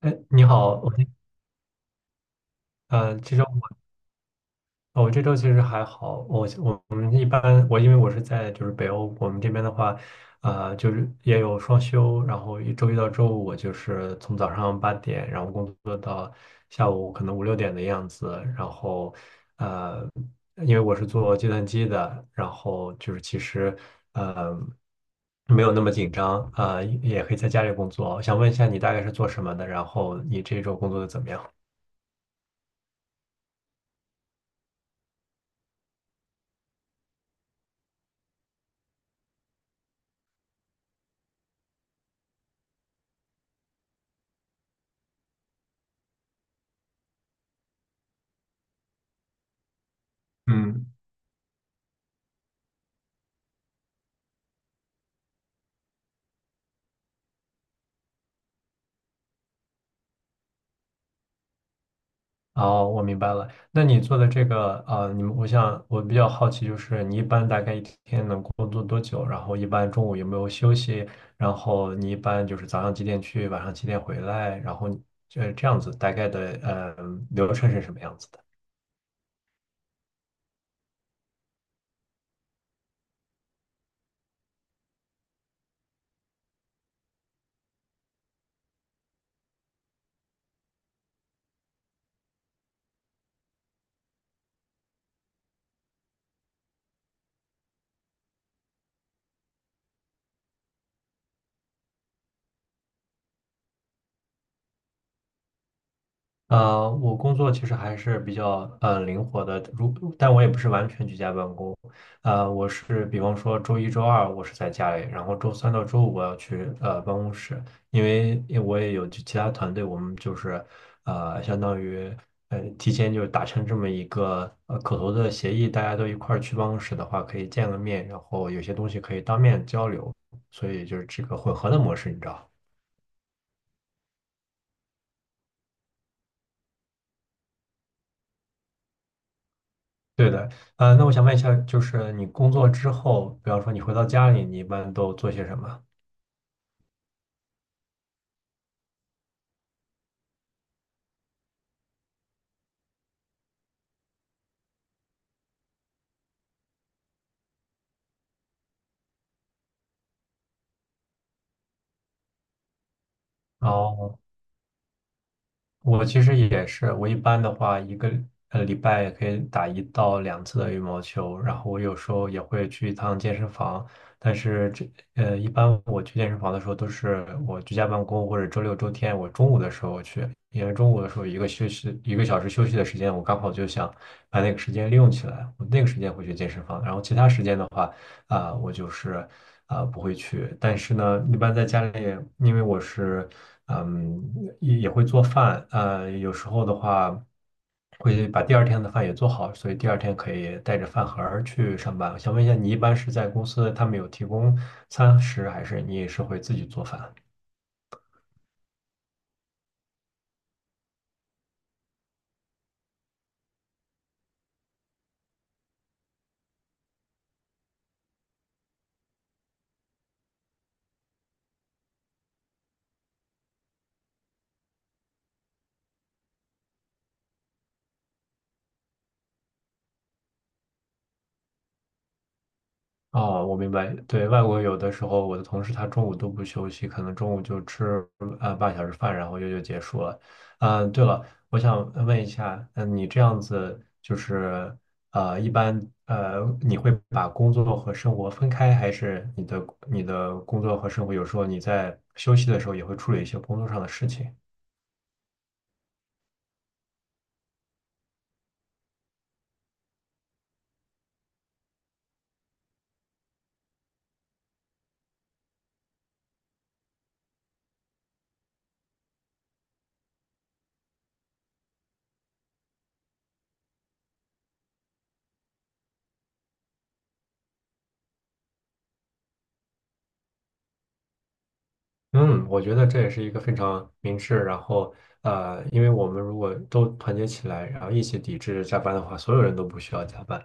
哎，你好，我这呃，其实我我这周其实还好，我们一般因为我是在北欧，我们这边的话，就是也有双休，然后一周一到周五我就是从早上八点，然后工作到下午可能五六点的样子，然后呃，因为我是做计算机的，然后其实呃没有那么紧张，也可以在家里工作。想问一下你大概是做什么的，然后你这周工作的怎么样？嗯。哦，我明白了。那你做的这个，你们，想我比较好奇，就是你一般大概一天能工作多久？然后一般中午有没有休息？然后你一般就是早上几点去，晚上几点回来？然后这样子大概的，流程是什么样子的？我工作其实还是比较灵活的，但我也不是完全居家办公，我是比方说周一周二我是在家里，然后周三到周五我要去办公室，因为我也有其他团队，我们就是相当于提前就达成这么一个口头的协议，大家都一块儿去办公室的话可以见个面，然后有些东西可以当面交流，所以就是这个混合的模式，你知道。对的，那我想问一下，就是你工作之后，比方说你回到家里，你一般都做些什么？哦，我其实也是，我一般的话，一个礼拜也可以打一到两次的羽毛球，然后我有时候也会去一趟健身房，但是一般我去健身房的时候都是我居家办公或者周六周天，我中午的时候去，因为中午的时候一个小时休息的时间，我刚好就想把那个时间利用起来，我那个时间会去健身房，然后其他时间的话，啊、我就是啊、不会去，但是呢，一般在家里，因为我是。嗯，也会做饭，有时候的话会把第二天的饭也做好，所以第二天可以带着饭盒儿去上班。我想问一下，你一般是在公司他们有提供餐食，还是你也是会自己做饭？哦，我明白。对，外国有的时候，我的同事他中午都不休息，可能中午就吃半小时饭，然后就结束了。嗯，对了，我想问一下，嗯，你这样子就是一般,你会把工作和生活分开，还是你的工作和生活有时候你在休息的时候也会处理一些工作上的事情？嗯，我觉得这也是一个非常明智，然后因为我们如果都团结起来，然后一起抵制加班的话，所有人都不需要加班。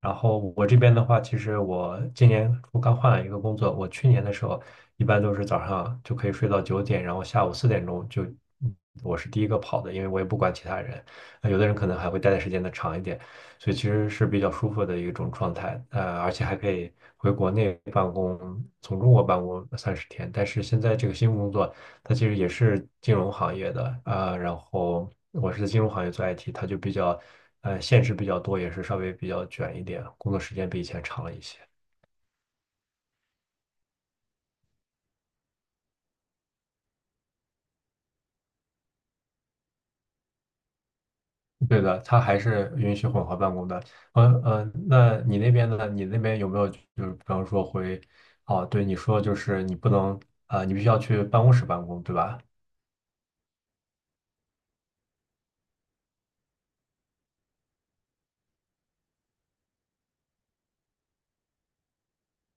然后我这边的话，其实我今年我刚换了一个工作，我去年的时候一般都是早上就可以睡到九点，然后下午四点钟就，嗯我是第一个跑的，因为我也不管其他人，有的人可能还会待的时间的长一点，所以其实是比较舒服的一种状态，而且还可以回国内办公，从中国办公三十天，但是现在这个新工作。他其实也是金融行业的然后我是在金融行业做 IT，他就比较限制比较多，也是稍微比较卷一点，工作时间比以前长了一些。对的，他还是允许混合办公的。那你那边呢？你那边有没有就是比方说对你说就是你不能你必须要去办公室办公，对吧？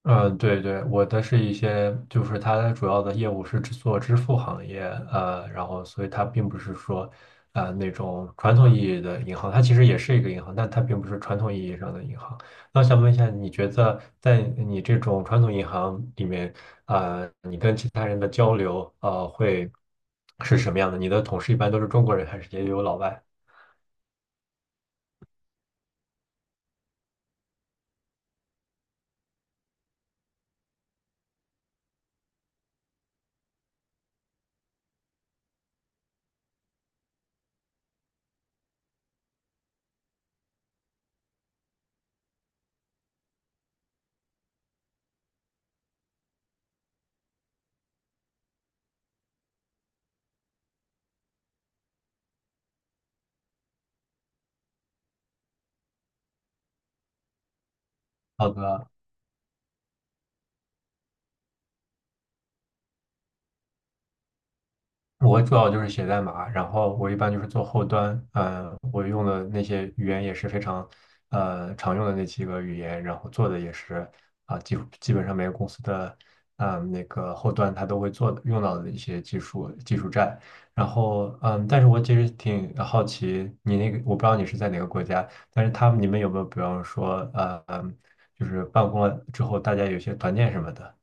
嗯，对对，我的是一些，就是它的主要的业务是做支付行业，然后所以它并不是说，那种传统意义的银行，它其实也是一个银行，但它并不是传统意义上的银行。那想问一下，你觉得在你这种传统银行里面，你跟其他人的交流，会是什么样的？你的同事一般都是中国人，还是也有老外？好的，我主要就是写代码，然后我一般就是做后端，我用的那些语言也是非常，常用的那几个语言，然后做的也是基本上每个公司的，那个后端它都会用到的一些技术栈，然后但是我其实挺好奇你那个，我不知道你是在哪个国家，但是你们有没有比方说，就是办公了之后大家有些团建什么的？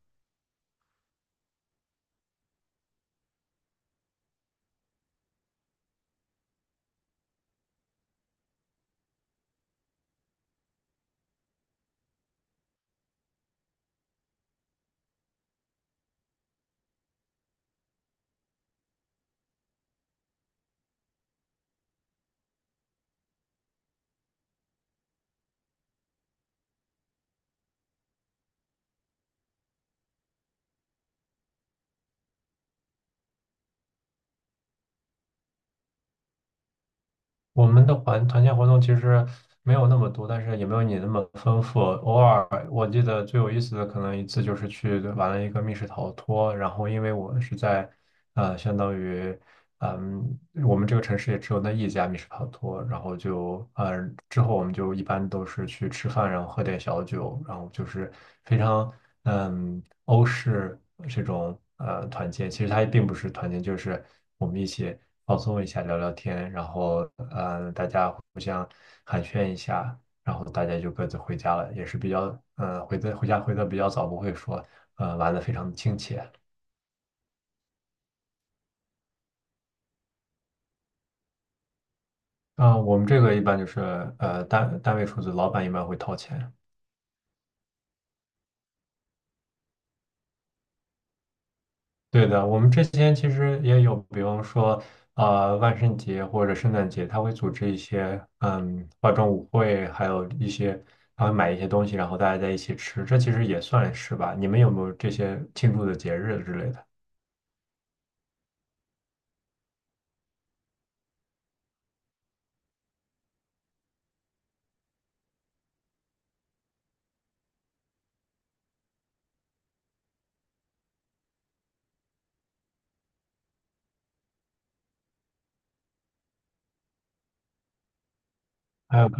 我们的团建活动其实没有那么多，但是也没有你那么丰富。偶尔我记得最有意思的可能一次就是去玩了一个密室逃脱，然后因为我是在相当于嗯，我们这个城市也只有那一家密室逃脱，然后就，之后我们就一般都是去吃饭，然后喝点小酒，然后就是非常，欧式这种团建，其实它也并不是团建，就是我们一起放松一下，聊聊天，然后，大家互相寒暄一下，然后大家就各自回家了，也是比较，回家回的比较早，不会说，玩的非常亲切。啊，我们这个一般就是单位出资，老板一般会掏钱。对的，我们之前其实也有，比方说啊，万圣节或者圣诞节，他会组织一些化妆舞会，还有一些他会买一些东西，然后大家在一起吃，这其实也算是吧。你们有没有这些庆祝的节日之类的？还有。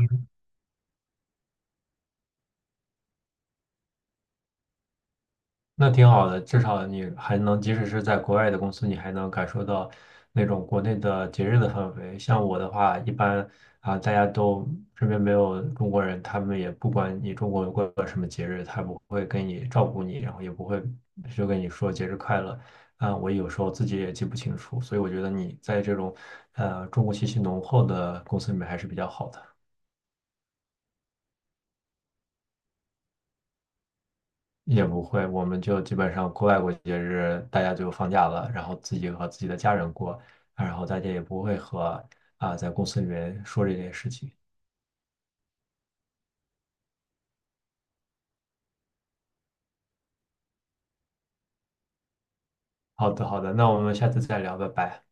那挺好的，至少你还能，即使是在国外的公司，你还能感受到那种国内的节日的氛围。像我的话，一般啊，大家都这边没有中国人，他们也不管你中国人过个什么节日，他不会照顾你，然后也不会就跟你说节日快乐。啊，我有时候自己也记不清楚，所以我觉得你在这种中国气息浓厚的公司里面还是比较好的。也不会，我们就基本上国外过节日，大家就放假了，然后自己和自己的家人过，然后大家也不会在公司里面说这件事情。好的，好的，那我们下次再聊，拜拜。